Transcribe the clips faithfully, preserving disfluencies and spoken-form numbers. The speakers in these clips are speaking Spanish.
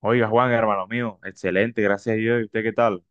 Oiga, Juan, hermano mío, excelente, gracias a Dios. ¿Y usted qué tal?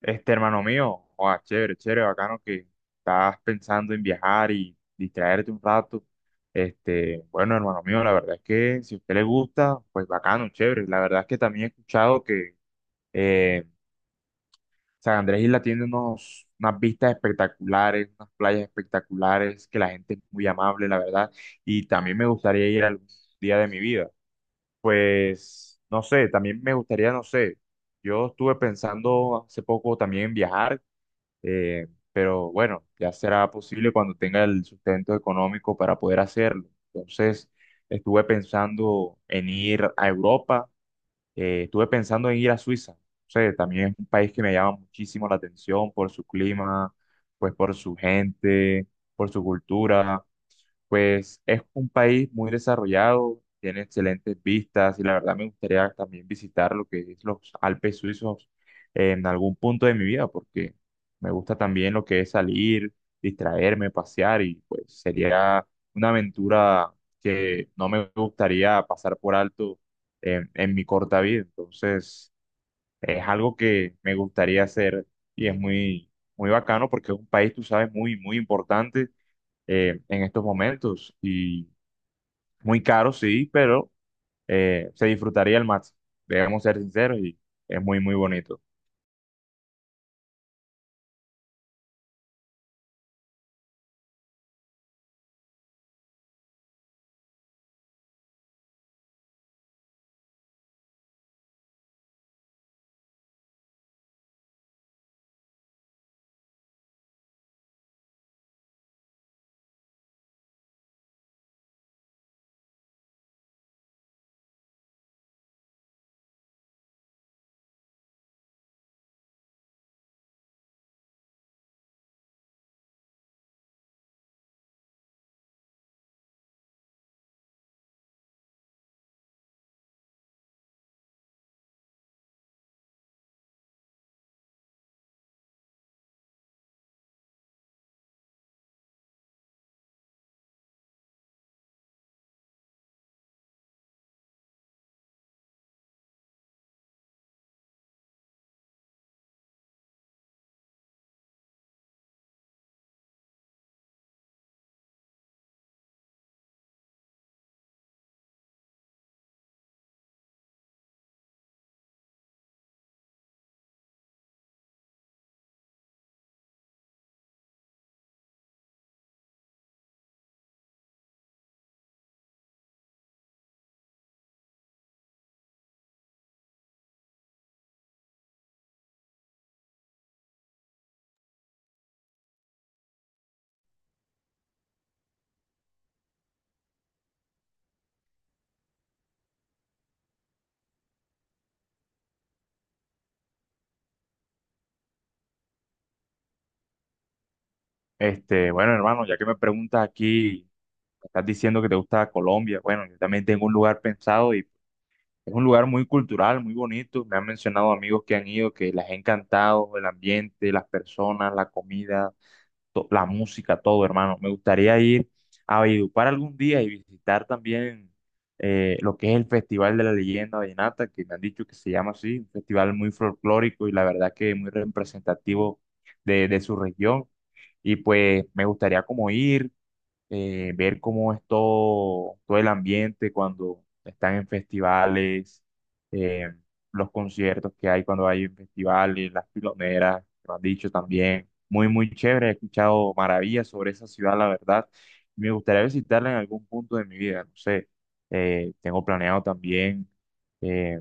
Este hermano mío, oa, chévere, chévere, bacano que estás pensando en viajar y distraerte un rato. Este, bueno, hermano mío, la verdad es que si a usted le gusta, pues bacano, chévere. La verdad es que también he escuchado que eh, San Andrés Isla tiene unos, unas vistas espectaculares, unas playas espectaculares, que la gente es muy amable, la verdad. Y también me gustaría ir algún día de mi vida. Pues, no sé, también me gustaría, no sé, yo estuve pensando hace poco también en viajar, eh, pero bueno, ya será posible cuando tenga el sustento económico para poder hacerlo. Entonces, estuve pensando en ir a Europa, eh, estuve pensando en ir a Suiza. No sé, también es un país que me llama muchísimo la atención por su clima, pues por su gente, por su cultura. Pues es un país muy desarrollado, tiene excelentes vistas y la verdad me gustaría también visitar lo que es los Alpes suizos en algún punto de mi vida, porque me gusta también lo que es salir, distraerme, pasear y pues sería una aventura que no me gustaría pasar por alto en, en mi corta vida. Entonces es algo que me gustaría hacer y es muy, muy bacano porque es un país, tú sabes, muy, muy importante eh, en estos momentos. Y muy caro, sí, pero eh, se disfrutaría al máximo. Debemos ser sinceros y es muy, muy bonito. Este, bueno, hermano, ya que me preguntas aquí, me estás diciendo que te gusta Colombia. Bueno, yo también tengo un lugar pensado y es un lugar muy cultural, muy bonito. Me han mencionado amigos que han ido que les ha encantado el ambiente, las personas, la comida, to- la música, todo, hermano. Me gustaría ir a Valledupar algún día y visitar también eh, lo que es el Festival de la Leyenda Vallenata, que me han dicho que se llama así, un festival muy folclórico y la verdad que muy representativo de, de su región. Y pues me gustaría como ir eh, ver cómo es todo, todo el ambiente cuando están en festivales, eh, los conciertos que hay cuando hay en festivales, las piloneras, que lo han dicho también. Muy, muy chévere, he escuchado maravillas sobre esa ciudad, la verdad. Me gustaría visitarla en algún punto de mi vida, no sé. Eh, tengo planeado también eh,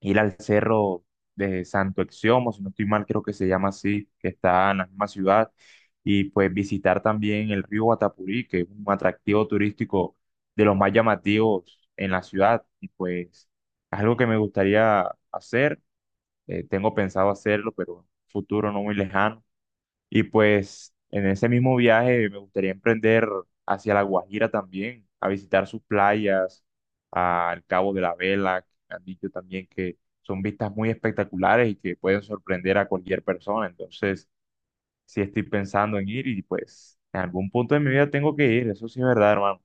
ir al cerro de Santo Exiomo, si no estoy mal, creo que se llama así, que está en la misma ciudad, y pues visitar también el río Guatapurí, que es un atractivo turístico de los más llamativos en la ciudad, y pues es algo que me gustaría hacer, eh, tengo pensado hacerlo, pero en un futuro no muy lejano y pues en ese mismo viaje me gustaría emprender hacia La Guajira también, a visitar sus playas, al Cabo de la Vela, que me han dicho también que son vistas muy espectaculares y que pueden sorprender a cualquier persona. Entonces, sí estoy pensando en ir y pues en algún punto de mi vida tengo que ir, eso sí es verdad, hermano.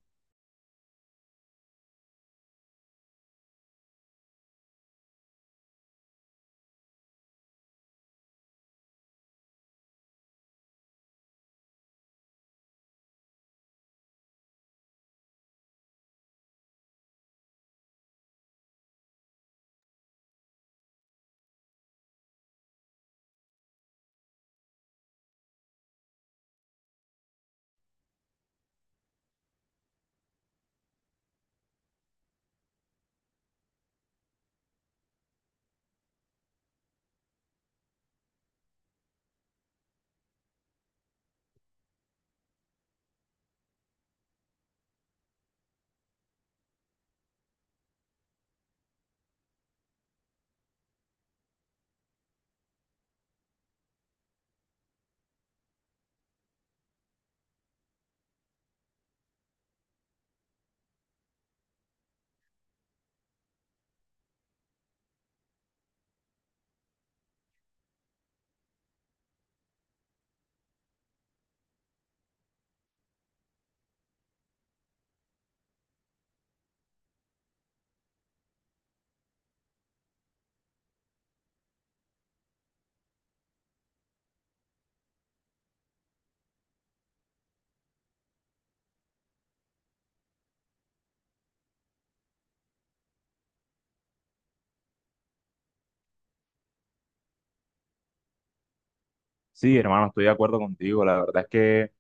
Sí, hermano, estoy de acuerdo contigo. La verdad es que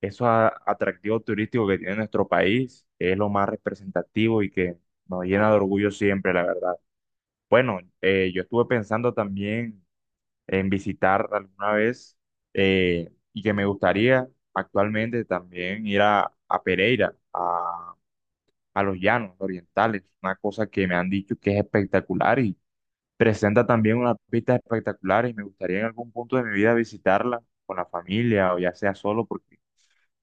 esos a- atractivos turísticos que tiene nuestro país es lo más representativo y que nos llena de orgullo siempre, la verdad. Bueno, eh, yo estuve pensando también en visitar alguna vez eh, y que me gustaría actualmente también ir a, a Pereira, a, a los llanos orientales, una cosa que me han dicho que es espectacular y presenta también unas pistas espectaculares y me gustaría en algún punto de mi vida visitarla con la familia o ya sea solo porque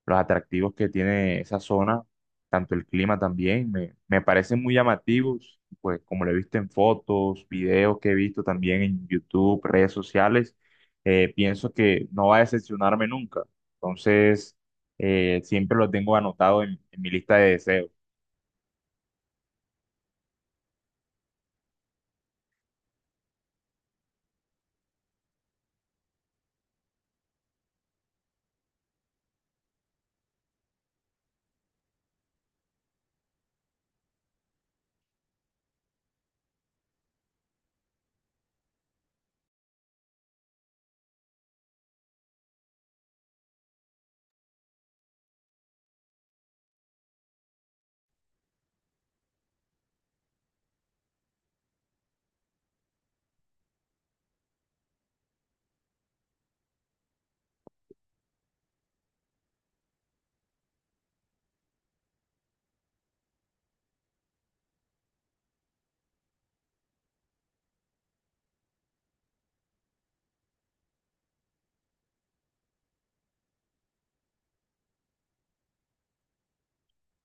los atractivos que tiene esa zona, tanto el clima también, me, me parecen muy llamativos, pues como lo he visto en fotos, videos que he visto también en YouTube, redes sociales, eh, pienso que no va a decepcionarme nunca. Entonces, eh, siempre lo tengo anotado en en mi lista de deseos.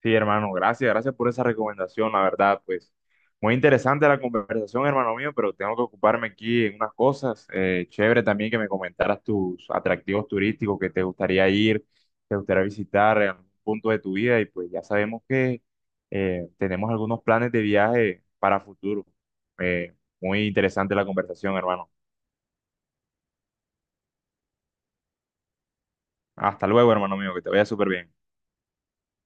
Sí, hermano, gracias, gracias por esa recomendación, la verdad, pues muy interesante la conversación, hermano mío, pero tengo que ocuparme aquí en unas cosas. Eh, chévere también que me comentaras tus atractivos turísticos que te gustaría ir, te gustaría visitar en algún punto de tu vida y pues ya sabemos que eh, tenemos algunos planes de viaje para futuro. Eh, Muy interesante la conversación, hermano. Hasta luego, hermano mío, que te vaya súper bien.